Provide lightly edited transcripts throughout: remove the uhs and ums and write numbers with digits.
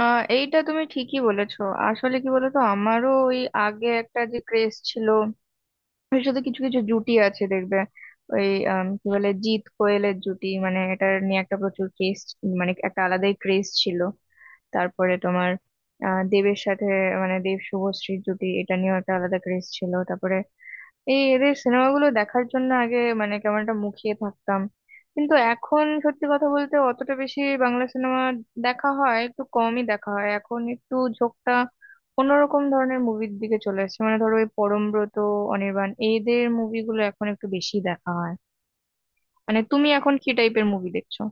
এইটা তুমি ঠিকই বলেছো। আসলে কি বলতো, আমারও ওই আগে একটা যে ক্রেজ ছিল, এর সাথে কিছু কিছু জুটি আছে দেখবে ওই কি বলে, জিৎ কোয়েলের জুটি, মানে এটা নিয়ে একটা প্রচুর ক্রেজ, মানে একটা আলাদাই ক্রেজ ছিল। তারপরে তোমার দেবের সাথে, মানে দেব শুভশ্রীর জুটি, এটা নিয়েও একটা আলাদা ক্রেজ ছিল। তারপরে এই এদের সিনেমাগুলো দেখার জন্য আগে মানে কেমন একটা মুখিয়ে থাকতাম, কিন্তু এখন সত্যি কথা বলতে অতটা বেশি বাংলা সিনেমা দেখা হয়, একটু কমই দেখা হয়। এখন একটু ঝোঁকটা অন্যরকম ধরনের মুভির দিকে চলে এসেছে, মানে ধরো ওই পরমব্রত, অনির্বাণ, এদের মুভিগুলো এখন একটু বেশি দেখা হয়। মানে তুমি এখন কি টাইপের মুভি দেখছো?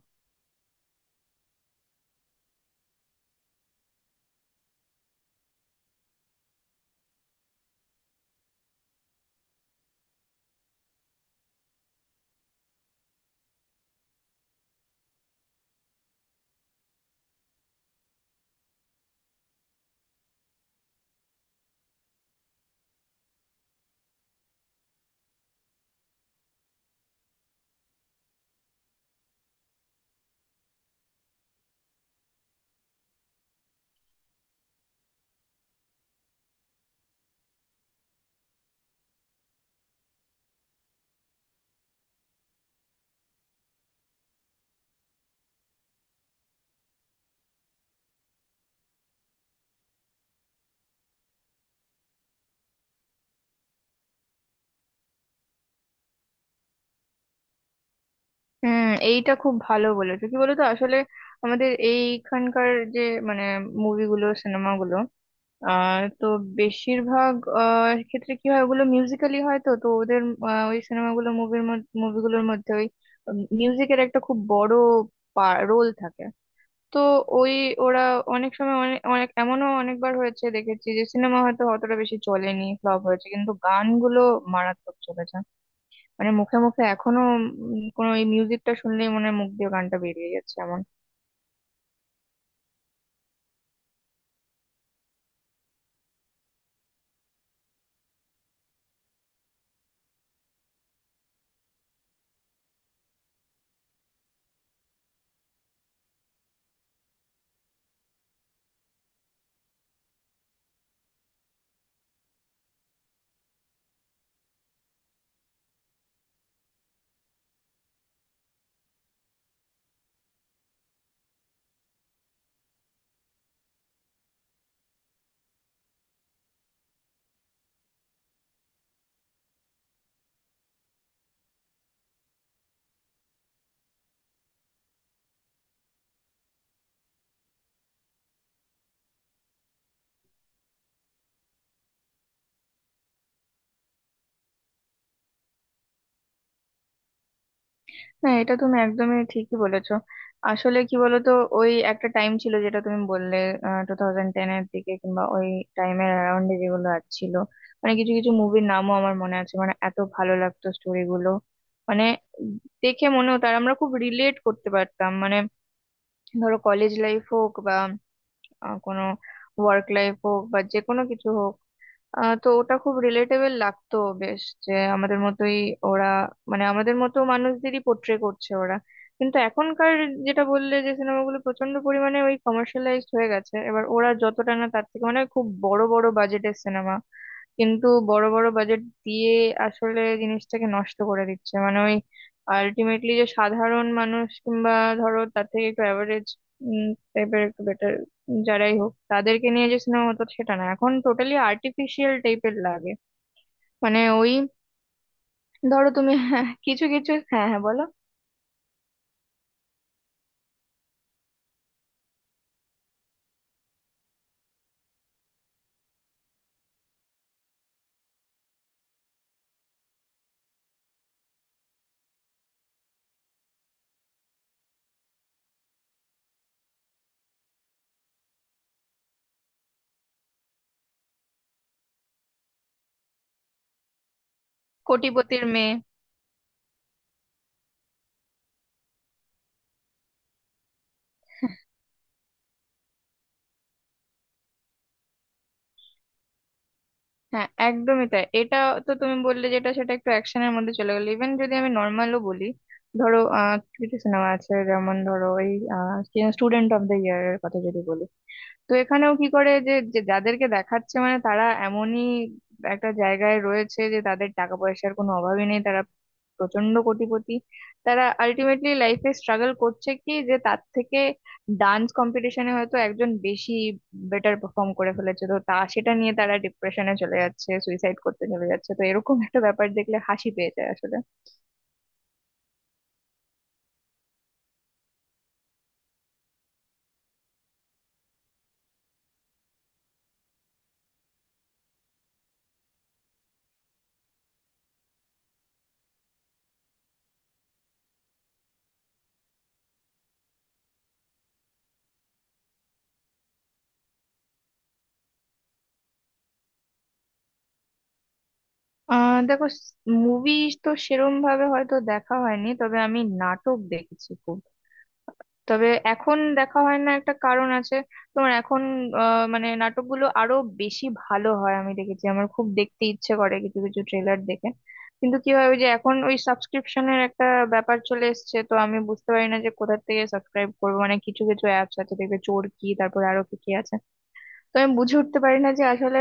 হুম, এইটা খুব ভালো বলেছো। কি বলতো আসলে, আমাদের এইখানকার যে মানে মুভিগুলো, সিনেমাগুলো, তো বেশিরভাগ ক্ষেত্রে কি হয়, ওগুলো মিউজিক্যালি হয় তো, ওদের ওই সিনেমাগুলো, মুভিগুলোর মধ্যে ওই মিউজিকের একটা খুব বড় রোল থাকে। তো ওই ওরা অনেক সময় অনেক অনেক এমনও অনেকবার হয়েছে দেখেছি, যে সিনেমা হয়তো অতটা বেশি চলেনি, ফ্লপ হয়েছে, কিন্তু গানগুলো মারাত্মক চলেছে। মানে মুখে মুখে এখনো, কোনো এই মিউজিকটা শুনলেই মনে হয় মুখ দিয়ে গানটা বেরিয়ে যাচ্ছে এমন। না, এটা তুমি একদমই ঠিকই বলেছো। আসলে কি বলতো, ওই একটা টাইম ছিল যেটা তুমি বললে, 2010 এর দিকে, কিংবা ওই টাইমের অ্যারাউন্ডে, যেগুলো আর ছিল মানে কিছু কিছু মুভির নামও আমার মনে আছে, মানে এত ভালো লাগতো স্টোরিগুলো, মানে দেখে মনে হতো আর আমরা খুব রিলেট করতে পারতাম। মানে ধরো কলেজ লাইফ হোক বা কোনো ওয়ার্ক লাইফ হোক, বা যে কোনো কিছু হোক, তো ওটা খুব রিলেটেবল লাগতো। বেশ যে আমাদের মতোই ওরা, মানে আমাদের মতো মানুষদেরই পোট্রে করছে ওরা। কিন্তু এখনকার, যেটা বললে, যে সিনেমাগুলো প্রচন্ড পরিমাণে ওই কমার্শিয়ালাইজড হয়ে গেছে এবার, ওরা যতটা না তার থেকে মানে খুব বড় বড় বাজেটের সিনেমা, কিন্তু বড় বড় বাজেট দিয়ে আসলে জিনিসটাকে নষ্ট করে দিচ্ছে। মানে ওই আলটিমেটলি যে সাধারণ মানুষ, কিংবা ধরো তার থেকে একটু অ্যাভারেজ টাইপের, একটু বেটার, যারাই হোক তাদেরকে নিয়ে যে সিনেমা হতো, সেটা না এখন টোটালি আর্টিফিশিয়াল টাইপের লাগে। মানে ওই ধরো তুমি, হ্যাঁ, কিছু কিছু, হ্যাঁ হ্যাঁ বলো, কোটিপতির মেয়ে। হ্যাঁ একদমই তাই, এটা। তো তুমি বললে যেটা, সেটা একটু অ্যাকশনের মধ্যে চলে গেলো, ইভেন যদি আমি নর্মালও বলি, ধরো কিছু সিনেমা আছে যেমন ধরো ওই স্টুডেন্ট অফ দ্য ইয়ার এর কথা যদি বলি, তো এখানেও কি করে যে যে যাদেরকে দেখাচ্ছে মানে তারা এমনই একটা জায়গায় রয়েছে যে তাদের টাকা পয়সার কোনো অভাবই নেই, তারা প্রচন্ড কোটিপতি, তারা আলটিমেটলি লাইফে স্ট্রাগল করছে কি, যে তার থেকে ডান্স কম্পিটিশনে হয়তো একজন বেশি বেটার পারফর্ম করে ফেলেছে, তো তা সেটা নিয়ে তারা ডিপ্রেশনে চলে যাচ্ছে, সুইসাইড করতে চলে যাচ্ছে। তো এরকম একটা ব্যাপার দেখলে হাসি পেয়ে যায় আসলে। দেখো, মুভি তো সেরম ভাবে হয়তো দেখা হয়নি, তবে আমি নাটক দেখেছি খুব। তবে এখন দেখা হয় না, একটা কারণ আছে। তোমার এখন মানে নাটকগুলো আরো বেশি ভালো হয় আমি দেখেছি, আমার খুব দেখতে ইচ্ছে করে কিছু কিছু ট্রেলার দেখে, কিন্তু কি হয়, ওই যে এখন ওই সাবস্ক্রিপশনের একটা ব্যাপার চলে এসেছে, তো আমি বুঝতে পারি না যে কোথা থেকে সাবস্ক্রাইব করবো। মানে কিছু কিছু অ্যাপস আছে দেখবে, চরকি, তারপরে আরো কি কি আছে, তো আমি বুঝে উঠতে পারি না যে আসলে,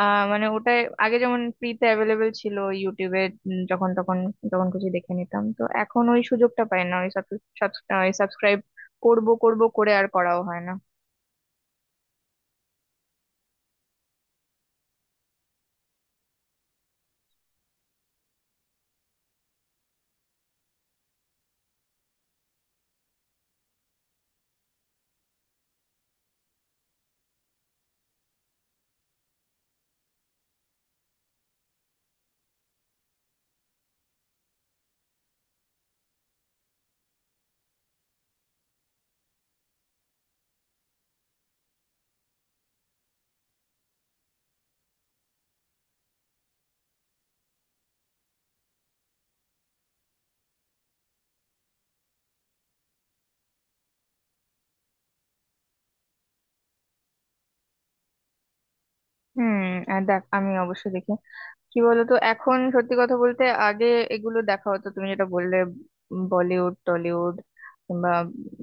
মানে ওটা আগে যেমন ফ্রিতে অ্যাভেলেবেল ছিল ইউটিউবে, যখন তখন যখন খুশি দেখে নিতাম, তো এখন ওই সুযোগটা পাই না। ওই সাবস্ক্রাইব করব করব করে আর করাও হয় না। হুম, আর দেখ আমি অবশ্যই দেখি। কি বলতো এখন সত্যি কথা বলতে, আগে এগুলো দেখা হতো, তুমি যেটা বললে, বলিউড, টলিউড, কিংবা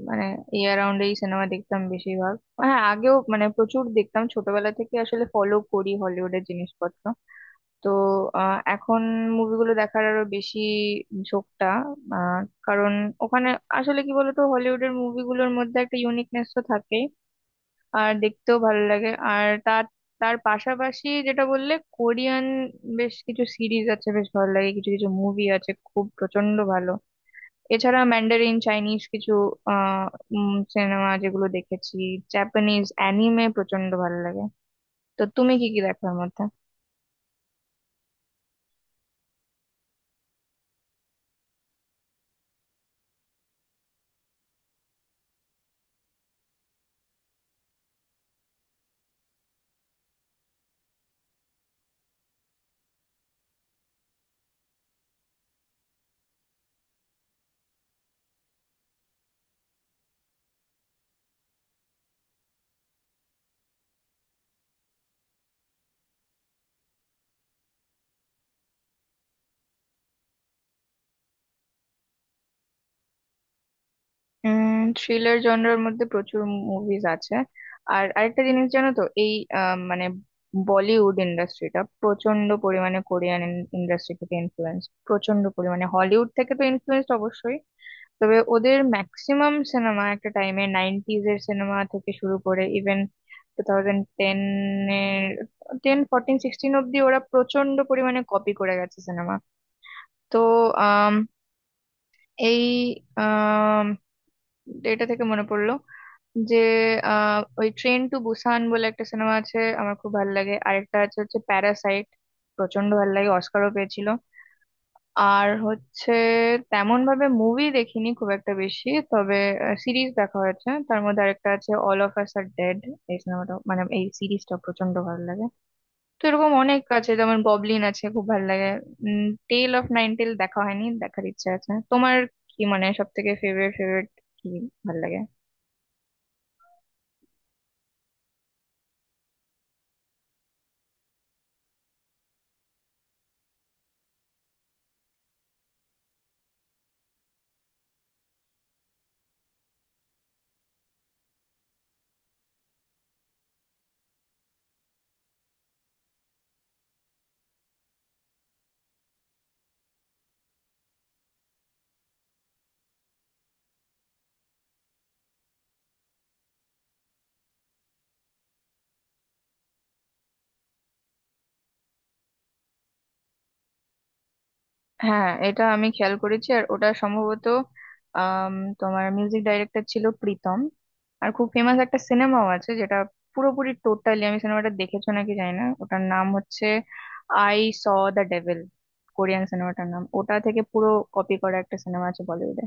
মানে এই অ্যারাউন্ড এই সিনেমা দেখতাম বেশিরভাগ। হ্যাঁ আগেও মানে প্রচুর দেখতাম, ছোটবেলা থেকে আসলে ফলো করি হলিউডের জিনিসপত্র। তো এখন মুভিগুলো দেখার আরো বেশি ঝোঁকটা, আহ, কারণ ওখানে আসলে কি বলতো, হলিউডের মুভিগুলোর মধ্যে একটা ইউনিকনেস তো থাকে, আর দেখতেও ভালো লাগে। আর তার তার পাশাপাশি যেটা বললে কোরিয়ান, বেশ কিছু সিরিজ আছে বেশ ভালো লাগে, কিছু কিছু মুভি আছে খুব প্রচন্ড ভালো। এছাড়া ম্যান্ডারিন চাইনিজ কিছু আহ সিনেমা যেগুলো দেখেছি, জাপানিজ অ্যানিমে প্রচন্ড ভালো লাগে। তো তুমি কি কি দেখো এর মধ্যে? উম, থ্রিলার জনরার মধ্যে প্রচুর মুভিজ আছে। আর আরেকটা জিনিস জানো তো এই মানে বলিউড ইন্ডাস্ট্রিটা প্রচন্ড পরিমাণে কোরিয়ান ইন্ডাস্ট্রি থেকে ইনফ্লুয়েন্স, প্রচন্ড পরিমাণে হলিউড থেকে তো ইনফ্লুয়েন্স অবশ্যই। তবে ওদের ম্যাক্সিমাম সিনেমা একটা টাইমে, 90s এর সিনেমা থেকে শুরু করে ইভেন 2010 এর, 10, 14, 16 অব্দি, ওরা প্রচন্ড পরিমাণে কপি করে গেছে সিনেমা। তো আম, এই এটা থেকে মনে পড়লো যে ওই ট্রেন টু বুসান বলে একটা সিনেমা আছে আমার খুব ভালো লাগে। আরেকটা আছে হচ্ছে প্যারাসাইট, প্রচন্ড ভালো লাগে, অস্কারও পেয়েছিল। আর হচ্ছে তেমন ভাবে মুভি দেখিনি খুব একটা বেশি, তবে সিরিজ দেখা হয়েছে, তার মধ্যে আরেকটা আছে all of us are dead, এই সিনেমাটা, মানে এই সিরিজটা প্রচন্ড ভালো লাগে। তো এরকম অনেক আছে, যেমন ববলিন আছে খুব ভালো লাগে। উম, টেল অফ নাইন টেল দেখা হয়নি, দেখার ইচ্ছা আছে। তোমার কি মানে সব থেকে ফেভারিট ফেভারিট কি ভালো লাগে? হ্যাঁ এটা আমি খেয়াল করেছি। আর ওটা সম্ভবত আম, তোমার মিউজিক ডাইরেক্টর ছিল প্রীতম। আর খুব ফেমাস একটা সিনেমাও আছে যেটা পুরোপুরি টোটালি, আমি সিনেমাটা দেখেছো নাকি জানি না, ওটার নাম হচ্ছে I saw the devil, Korean সিনেমাটার নাম, ওটা থেকে পুরো কপি করা একটা সিনেমা আছে বলিউডে।